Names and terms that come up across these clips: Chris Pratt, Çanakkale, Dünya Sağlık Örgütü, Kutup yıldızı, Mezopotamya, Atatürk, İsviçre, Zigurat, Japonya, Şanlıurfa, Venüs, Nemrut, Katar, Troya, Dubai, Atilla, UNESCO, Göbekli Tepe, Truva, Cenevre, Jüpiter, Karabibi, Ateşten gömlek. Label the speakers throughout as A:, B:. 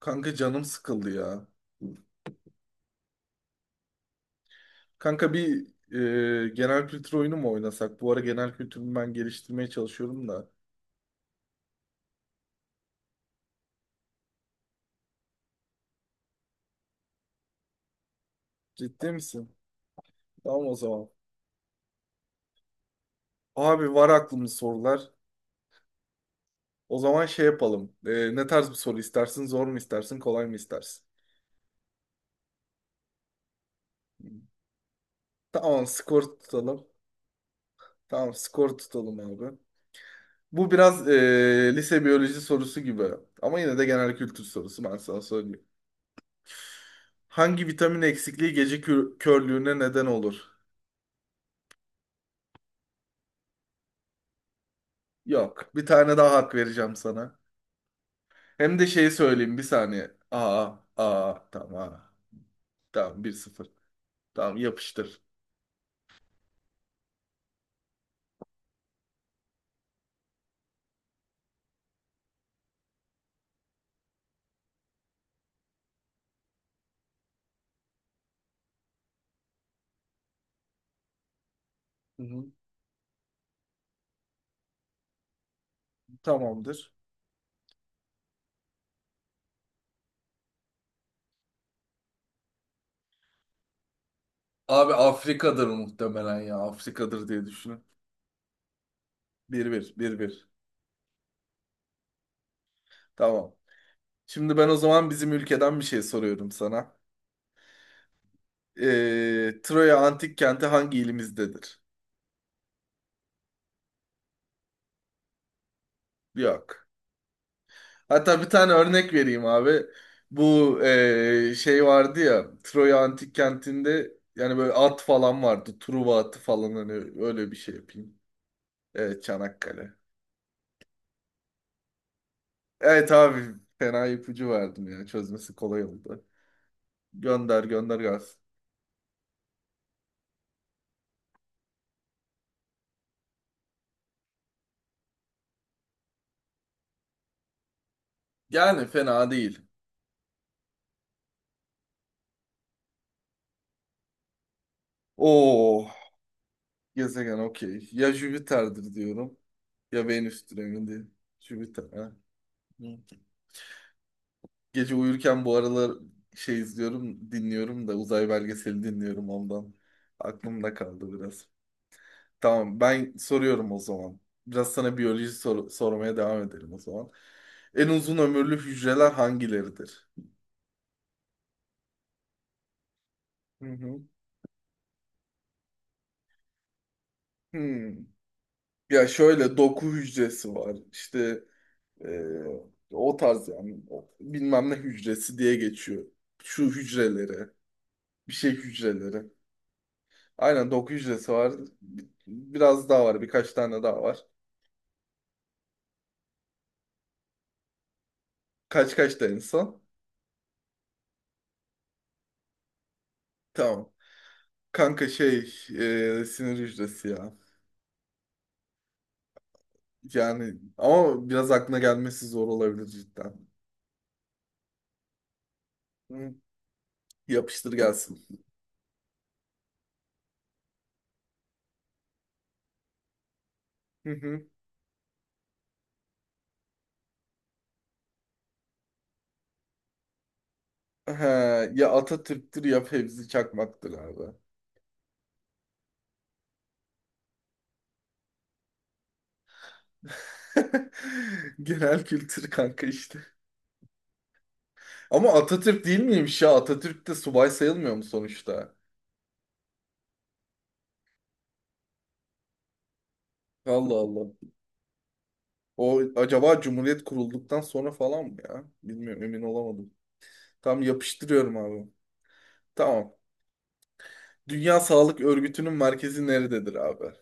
A: Kanka canım sıkıldı ya. Kanka, genel kültür oyunu mu oynasak? Bu ara genel kültürümü ben geliştirmeye çalışıyorum da. Ciddi misin? Tamam, o zaman. Abi, var aklımda sorular. O zaman şey yapalım. Ne tarz bir soru istersin? Zor mu istersin? Kolay mı istersin? Tamam, skor tutalım. Tamam, skor tutalım abi. Bu biraz lise biyoloji sorusu gibi. Ama yine de genel kültür sorusu, ben sana söyleyeyim. Hangi vitamin eksikliği gece körlüğüne neden olur? Yok. Bir tane daha hak vereceğim sana. Hem de şeyi söyleyeyim, bir saniye. Tamam. Tamam, 1-0. Tamam, yapıştır. Hı hı. Tamamdır. Abi Afrika'dır muhtemelen ya. Afrika'dır diye düşünün. 1-1, 1-1. Tamam. Şimdi ben o zaman bizim ülkeden bir şey soruyorum sana. Troya antik kenti hangi ilimizdedir? Yok. Hatta bir tane örnek vereyim abi. Bu, şey vardı ya, Troya Antik Kenti'nde yani böyle at falan vardı. Truva atı falan, hani öyle bir şey yapayım. Evet, Çanakkale. Evet abi, fena ipucu verdim ya, çözmesi kolay oldu. Gönder gönder gelsin. Yani fena değil. Oo, gezegen okey. Ya Jüpiter'dir diyorum, ya Venüs'tür, emin değilim. Jüpiter, ha. Gece uyurken bu aralar şey izliyorum, dinliyorum da uzay belgeseli dinliyorum ondan. Aklımda kaldı biraz. Tamam, ben soruyorum o zaman. Biraz sana biyoloji sormaya devam edelim o zaman. En uzun ömürlü hücreler hangileridir? Hı hı. Hmm. Ya şöyle doku hücresi var. İşte e, o tarz yani bilmem ne hücresi diye geçiyor. Şu hücrelere, bir şey hücreleri. Aynen, doku hücresi var. Biraz daha var. Birkaç tane daha var. Kaç kaç da en son. Tamam. Kanka şey, sinir hücresi ya. Yani ama biraz aklına gelmesi zor olabilir cidden. Hı. Yapıştır gelsin. Hı hı. He, ya Atatürk'tür ya Fevzi Çakmak'tır abi. Genel kültür kanka işte. Ama Atatürk değil miymiş ya? Atatürk de subay sayılmıyor mu sonuçta? Allah Allah. O acaba Cumhuriyet kurulduktan sonra falan mı ya? Bilmiyorum, emin olamadım. Tam yapıştırıyorum abi. Tamam. Dünya Sağlık Örgütü'nün merkezi nerededir abi?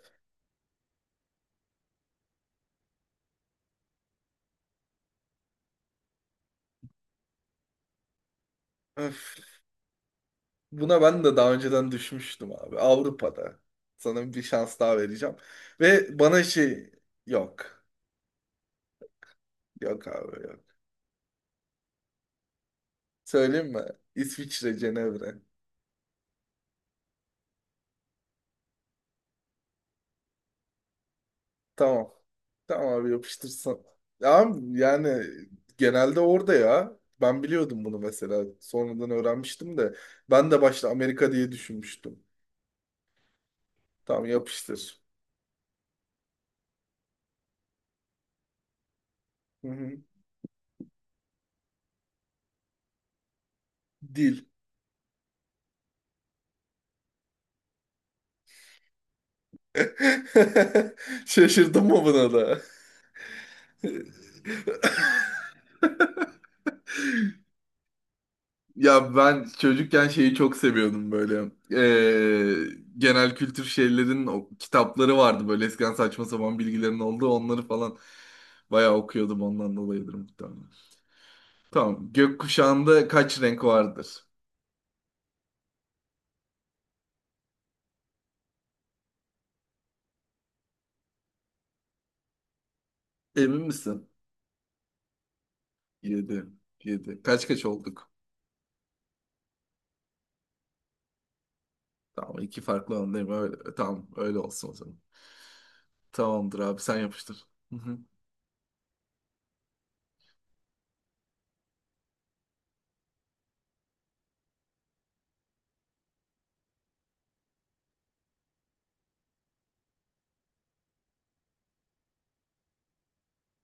A: Öf. Buna ben de daha önceden düşmüştüm abi. Avrupa'da. Sana bir şans daha vereceğim. Ve bana şey, yok. Yok abi, yok. Söyleyeyim mi? İsviçre, Cenevre. Tamam. Tamam abi, yapıştırsan. Ya, yani genelde orada ya. Ben biliyordum bunu mesela. Sonradan öğrenmiştim de. Ben de başta Amerika diye düşünmüştüm. Tamam, yapıştır. Hı hı. Dil. Şaşırdım mı buna da? Ya ben çocukken şeyi çok seviyordum böyle. Genel kültür şeylerin o kitapları vardı böyle eskiden, saçma sapan bilgilerin olduğu onları falan bayağı okuyordum, ondan dolayıdır muhtemelen. Tamam. Gökkuşağında kaç renk vardır? Emin misin? 7, 7. Kaç kaç olduk? Tamam, iki farklı alandayım. Öyle, tamam, öyle olsun o zaman. Tamamdır abi, sen yapıştır. Hı hı.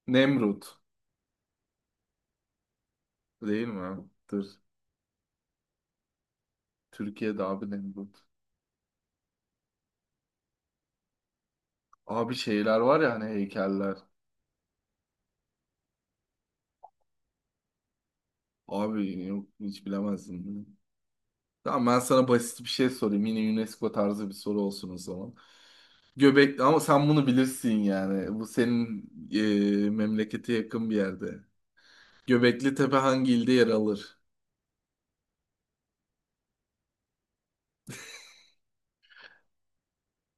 A: Nemrut. Değil mi, abi? Dur. Türkiye'de abi, Nemrut. Abi şeyler var ya, hani heykeller. Abi yok, hiç bilemezdim. Tamam, ben sana basit bir şey sorayım. Yine UNESCO tarzı bir soru olsun o zaman. Göbekli, ama sen bunu bilirsin yani. Bu senin memlekete yakın bir yerde. Göbekli Tepe hangi ilde yer alır?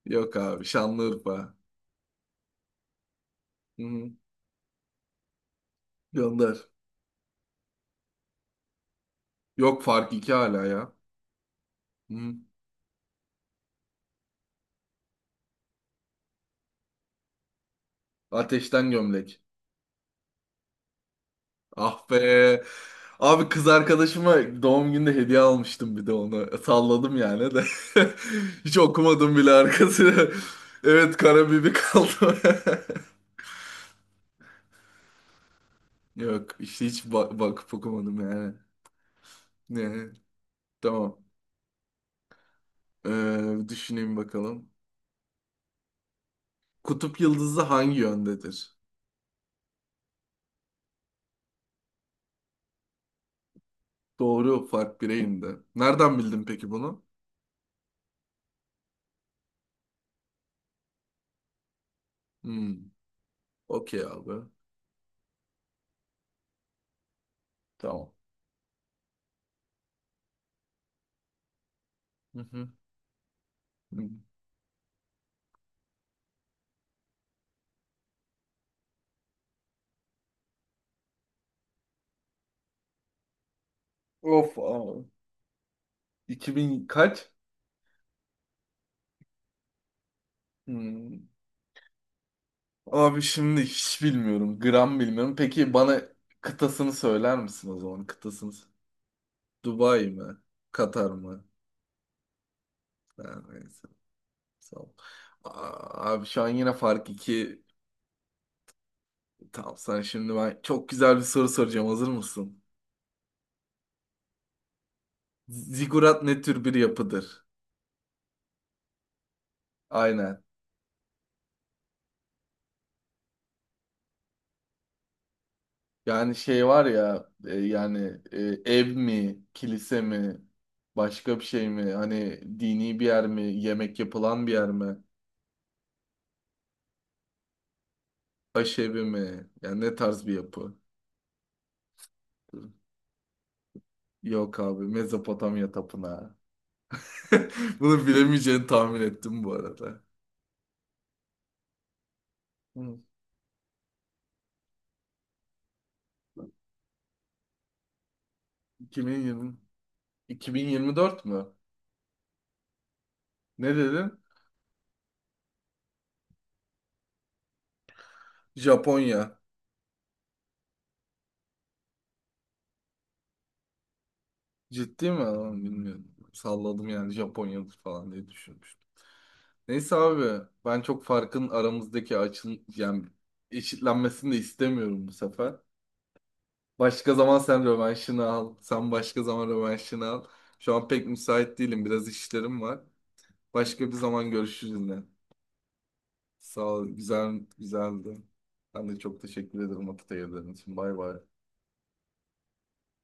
A: Yok abi, Şanlıurfa. Hı-hı. Gönder. Yok, fark iki hala ya. Hı. Ateşten gömlek. Ah be. Abi kız arkadaşıma doğum günde hediye almıştım, bir de onu. Salladım yani de. Hiç okumadım bile arkasını. Evet, Karabibi kaldı. Yok işte, hiç bak bakıp okumadım yani. Ne? Tamam. Düşüneyim bakalım. Kutup yıldızı hangi yöndedir? Doğru, fark bireyinde. Nereden bildin peki bunu? Hmm. Okey abi. Tamam. Hı hı. Hmm. Of abi. 2000 kaç? Hmm. Abi şimdi hiç bilmiyorum. Gram bilmiyorum. Peki bana kıtasını söyler misin o zaman? Kıtasını. Dubai mi? Katar mı? Ha, neyse. Sağ ol. Aa, abi şu an yine fark 2. Tamam sen, şimdi ben çok güzel bir soru soracağım. Hazır mısın? Zigurat ne tür bir yapıdır? Aynen. Yani şey var ya yani ev mi, kilise mi, başka bir şey mi? Hani dini bir yer mi, yemek yapılan bir yer mi, aşevi mi? Yani ne tarz bir yapı? Yok abi, Mezopotamya Tapınağı. Bunu bilemeyeceğini tahmin ettim bu arada. Hı, 2020, 2024 mü? Ne dedin? Japonya. Ciddi mi? Lan, bilmiyorum. Salladım yani, Japonya'dır falan diye düşünmüştüm. Neyse abi, ben çok farkın aramızdaki açın yani eşitlenmesini de istemiyorum bu sefer. Başka zaman sen rövanşını al. Sen başka zaman rövanşını al. Şu an pek müsait değilim. Biraz işlerim var. Başka bir zaman görüşürüz yine. Sağ ol. Güzel, güzeldi. Ben de çok teşekkür ederim, vakit ayırdığın için. Bay bay.